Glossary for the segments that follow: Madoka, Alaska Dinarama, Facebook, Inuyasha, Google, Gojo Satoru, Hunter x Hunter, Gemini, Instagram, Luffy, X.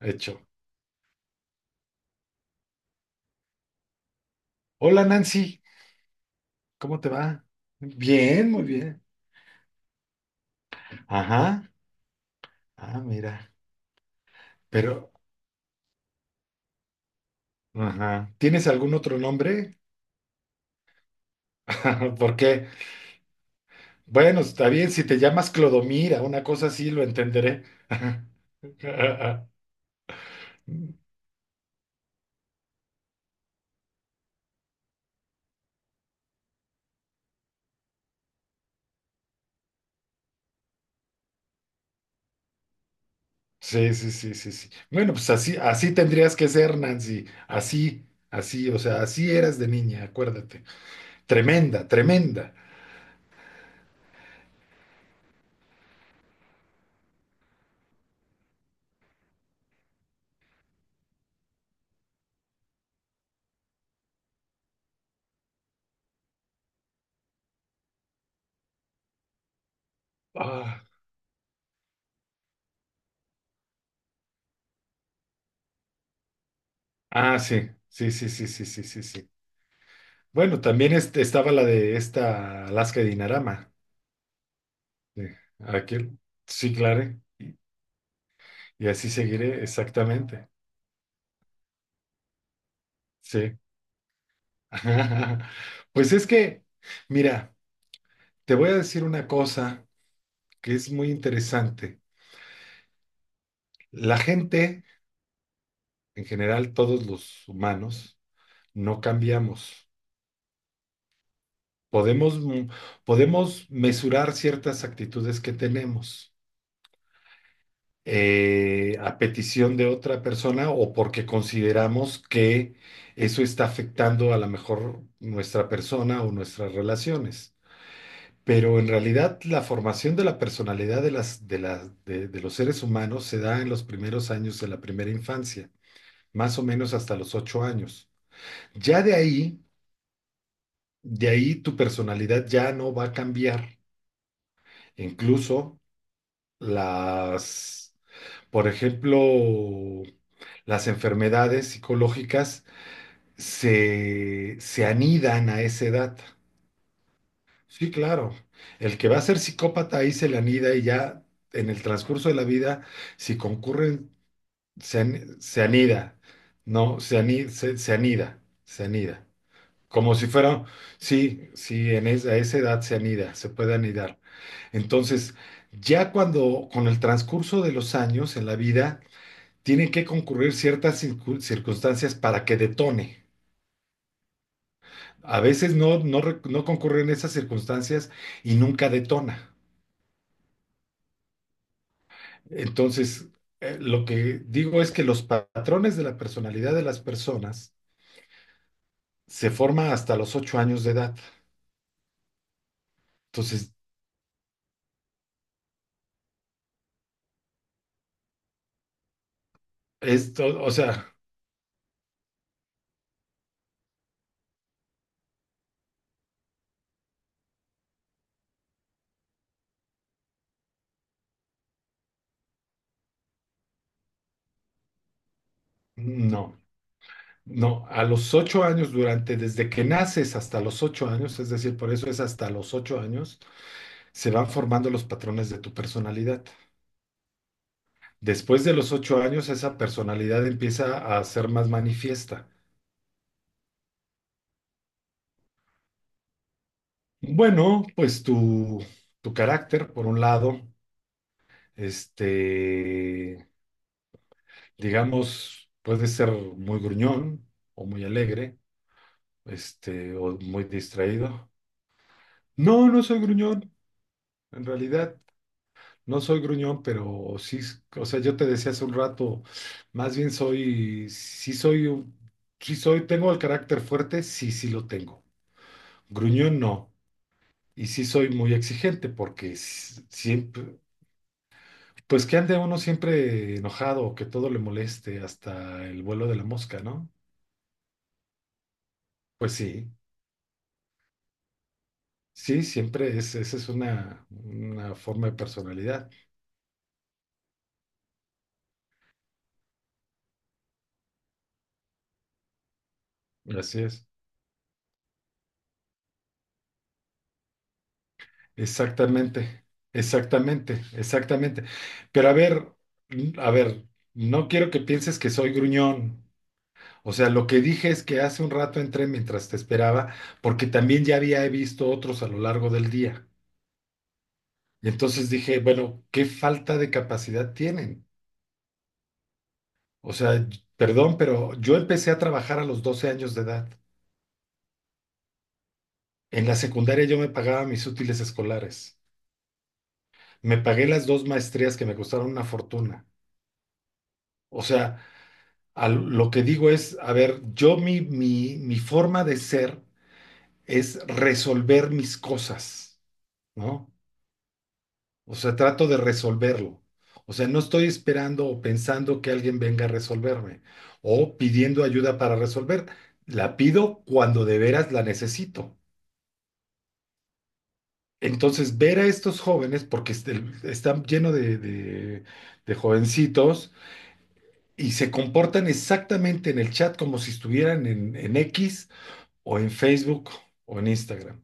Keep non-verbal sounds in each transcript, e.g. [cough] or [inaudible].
Hecho. Hola Nancy, ¿cómo te va? Bien, muy bien. Ajá. Ah, mira. Pero, ajá. ¿Tienes algún otro nombre? [laughs] ¿Por qué? Bueno, está bien, si te llamas Clodomira, una cosa así, lo entenderé. [laughs] Sí, sí, sí, sí, sí. Bueno, pues así, así tendrías que ser, Nancy. Así, así, o sea, así eras de niña, acuérdate. Tremenda, tremenda. Ah, ah, sí, sí, sí, sí, sí, sí, sí, sí. Bueno, también estaba la de esta Alaska Dinarama. De aquel. Sí, claro. Y, así seguiré, exactamente. Sí. [laughs] Pues es que, mira, te voy a decir una cosa que es muy interesante. La gente, en general, todos los humanos, no cambiamos. Podemos, podemos mesurar ciertas actitudes que tenemos. A petición de otra persona o porque consideramos que eso está afectando a lo mejor nuestra persona o nuestras relaciones. Pero en realidad la formación de la personalidad de las, de los seres humanos se da en los primeros años de la primera infancia, más o menos hasta los 8 años. Ya de ahí tu personalidad ya no va a cambiar. Incluso las. Por ejemplo, las enfermedades psicológicas se anidan a esa edad. Sí, claro. El que va a ser psicópata ahí se le anida, y ya en el transcurso de la vida, si concurren, se anida. No, se anida, se anida. Como si fuera, sí, sí, en esa, a esa edad se anida, se puede anidar. Entonces, ya cuando, con el transcurso de los años en la vida, tienen que concurrir ciertas circunstancias para que detone. A veces no concurren esas circunstancias y nunca detona. Entonces, lo que digo es que los patrones de la personalidad de las personas se forman hasta los 8 años de edad. Entonces, esto, o sea, no. No, a los 8 años, durante, desde que naces hasta los ocho años, es decir, por eso es hasta los ocho años, se van formando los patrones de tu personalidad. Después de los 8 años, esa personalidad empieza a ser más manifiesta. Bueno, pues tu carácter, por un lado, este, digamos, puede ser muy gruñón o muy alegre, este, o muy distraído. No, no soy gruñón, en realidad, no soy gruñón, pero sí, o sea, yo te decía hace un rato, más bien soy, sí soy, sí soy, tengo el carácter fuerte, sí, sí lo tengo. Gruñón no. Y sí soy muy exigente porque siempre, pues que ande uno siempre enojado o que todo le moleste, hasta el vuelo de la mosca, ¿no? Pues sí, sí, siempre es, esa es una forma de personalidad. Así es. Exactamente, exactamente, exactamente. Pero a ver, a ver, no quiero que pienses que soy gruñón. O sea, lo que dije es que hace un rato entré mientras te esperaba, porque también ya había visto otros a lo largo del día. Y entonces dije, bueno, ¿qué falta de capacidad tienen? O sea, perdón, pero yo empecé a trabajar a los 12 años de edad. En la secundaria yo me pagaba mis útiles escolares. Me pagué las dos maestrías que me costaron una fortuna. O sea, lo que digo es, a ver, yo mi, mi forma de ser es resolver mis cosas. ¿No? O sea, trato de resolverlo. O sea, no estoy esperando o pensando que alguien venga a resolverme o pidiendo ayuda para resolver. La pido cuando de veras la necesito. Entonces, ver a estos jóvenes, porque están llenos de, de jovencitos y se comportan exactamente en el chat como si estuvieran en X o en Facebook o en Instagram.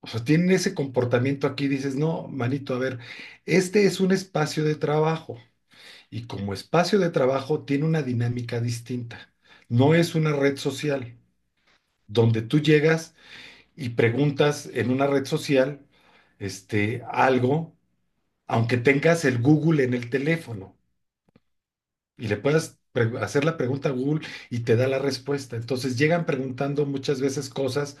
O sea, tienen ese comportamiento aquí, dices, no, manito, a ver, este es un espacio de trabajo. Y como espacio de trabajo tiene una dinámica distinta. No es una red social donde tú llegas y preguntas en una red social este, algo, aunque tengas el Google en el teléfono y le puedas hacer la pregunta a Google y te da la respuesta. Entonces llegan preguntando muchas veces cosas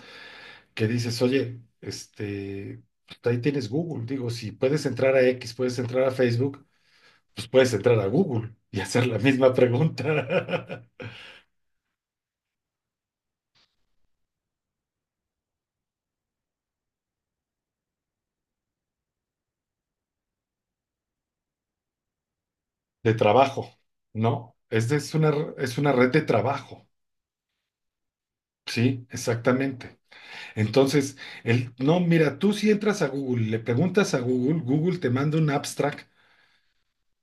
que dices, oye, este, pues ahí tienes Google. Digo, si puedes entrar a X, puedes entrar a Facebook, pues puedes entrar a Google y hacer la misma pregunta. [laughs] De trabajo, ¿no? Es, es una red de trabajo. Sí, exactamente. Entonces, el, no, mira, tú si entras a Google, y le preguntas a Google, Google te manda un abstract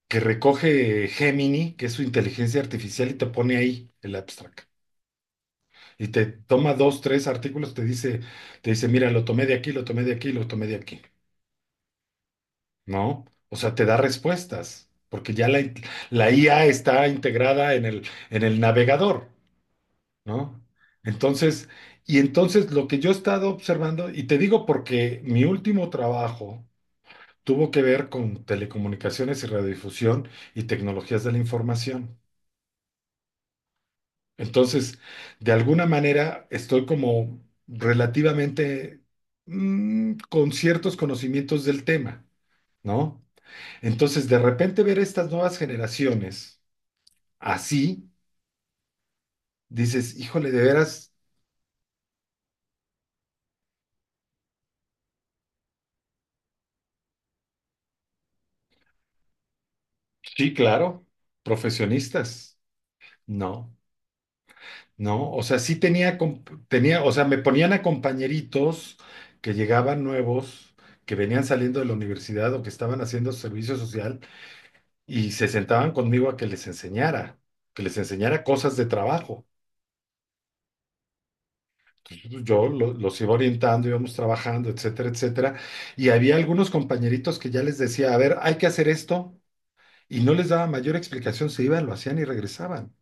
que recoge Gemini, que es su inteligencia artificial, y te pone ahí el abstract. Y te toma dos, tres artículos, te dice, mira, lo tomé de aquí, lo tomé de aquí, lo tomé de aquí, ¿no? O sea, te da respuestas, porque ya la IA está integrada en el navegador. ¿No? Entonces, y entonces lo que yo he estado observando, y te digo porque mi último trabajo tuvo que ver con telecomunicaciones y radiodifusión y tecnologías de la información. Entonces, de alguna manera estoy como relativamente con ciertos conocimientos del tema, ¿no? Entonces, de repente ver estas nuevas generaciones así, dices, híjole, de veras, sí, claro, profesionistas, ¿no? ¿No? O sea, sí tenía, tenía, o sea, me ponían a compañeritos que llegaban nuevos, que venían saliendo de la universidad o que estaban haciendo servicio social y se sentaban conmigo a que les enseñara cosas de trabajo. Entonces, yo los iba orientando, íbamos trabajando, etcétera, etcétera. Y había algunos compañeritos que ya les decía, a ver, hay que hacer esto, y no les daba mayor explicación, se iban, lo hacían y regresaban.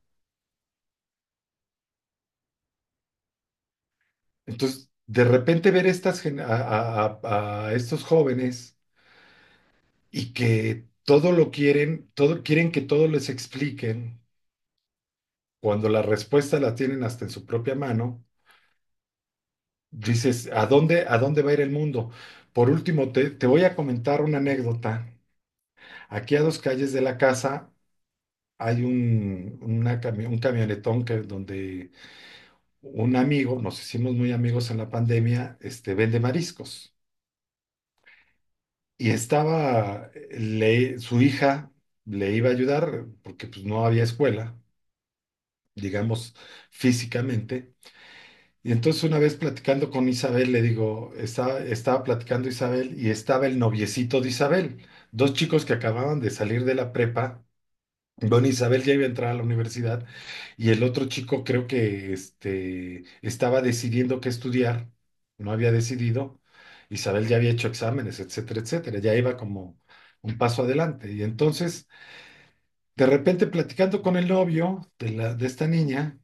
Entonces, de repente ver estas, a estos jóvenes y que todo lo quieren, todo, quieren que todo les expliquen, cuando la respuesta la tienen hasta en su propia mano, dices, a dónde va a ir el mundo? Por último, te voy a comentar una anécdota. Aquí a dos calles de la casa hay un, una un camionetón que, donde un amigo, nos hicimos muy amigos en la pandemia, este, vende mariscos. Y estaba, su hija le iba a ayudar porque pues, no había escuela, digamos, físicamente. Y entonces una vez platicando con Isabel, le digo, estaba, estaba platicando Isabel y estaba el noviecito de Isabel, dos chicos que acababan de salir de la prepa. Bueno, Isabel ya iba a entrar a la universidad y el otro chico creo que este, estaba decidiendo qué estudiar, no había decidido. Isabel ya había hecho exámenes, etcétera, etcétera, ya iba como un paso adelante. Y entonces, de repente platicando con el novio de la, de esta niña,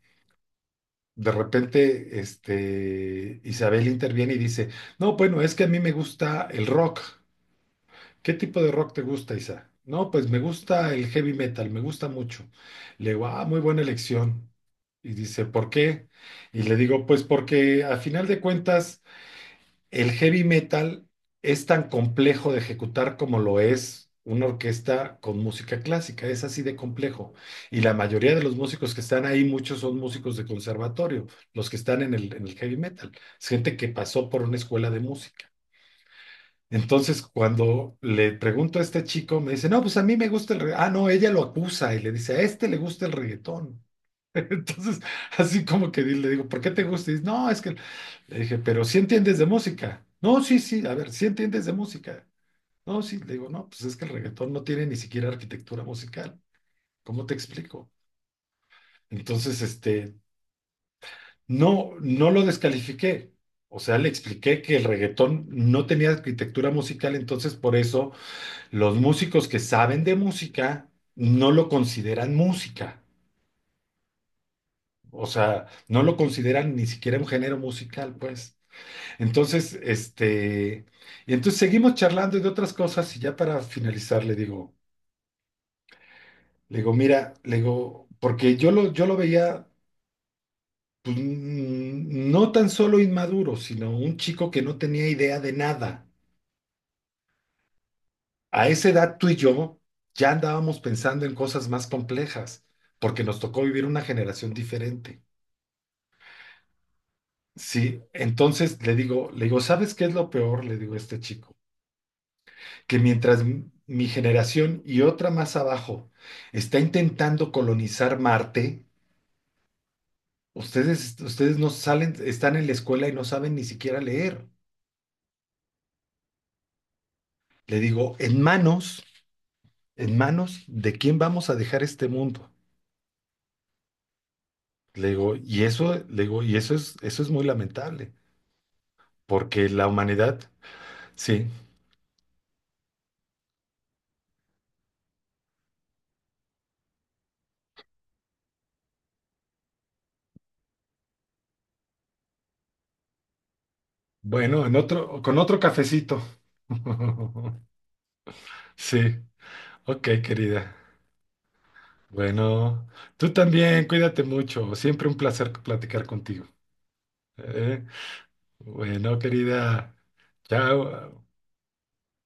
de repente, este, Isabel interviene y dice, no, bueno, es que a mí me gusta el rock. ¿Qué tipo de rock te gusta, Isa? No, pues me gusta el heavy metal, me gusta mucho. Le digo, ah, muy buena elección. Y dice, ¿por qué? Y le digo, pues porque a final de cuentas el heavy metal es tan complejo de ejecutar como lo es una orquesta con música clásica, es así de complejo. Y la mayoría de los músicos que están ahí, muchos son músicos de conservatorio, los que están en el heavy metal, es gente que pasó por una escuela de música. Entonces, cuando le pregunto a este chico, me dice, no, pues a mí me gusta el reggaetón. Ah, no, ella lo acusa y le dice, a este le gusta el reggaetón. [laughs] Entonces, así como que le digo, ¿por qué te gusta? Y dice, no, es que le dije, pero si entiendes de música. No, sí, sí, a ver, si entiendes de música. No, sí, le digo, no, pues es que el reggaetón no tiene ni siquiera arquitectura musical. ¿Cómo te explico? Entonces, este, no, no lo descalifiqué. O sea, le expliqué que el reggaetón no tenía arquitectura musical, entonces por eso los músicos que saben de música no lo consideran música. O sea, no lo consideran ni siquiera un género musical, pues. Entonces, este, y entonces seguimos charlando y de otras cosas y ya para finalizar le digo, mira, le digo, porque yo lo veía pues, no tan solo inmaduro, sino un chico que no tenía idea de nada. A esa edad tú y yo ya andábamos pensando en cosas más complejas, porque nos tocó vivir una generación diferente. Sí, entonces le digo, ¿sabes qué es lo peor? Le digo a este chico, que mientras mi generación y otra más abajo está intentando colonizar Marte, ustedes, ustedes no salen, están en la escuela y no saben ni siquiera leer. Le digo, en manos de quién vamos a dejar este mundo. Le digo, y eso, le digo, y eso es muy lamentable, porque la humanidad, sí. Bueno, en otro, con otro cafecito. [laughs] Sí, ok, querida. Bueno, tú también, cuídate mucho. Siempre un placer platicar contigo. ¿Eh? Bueno, querida, chao.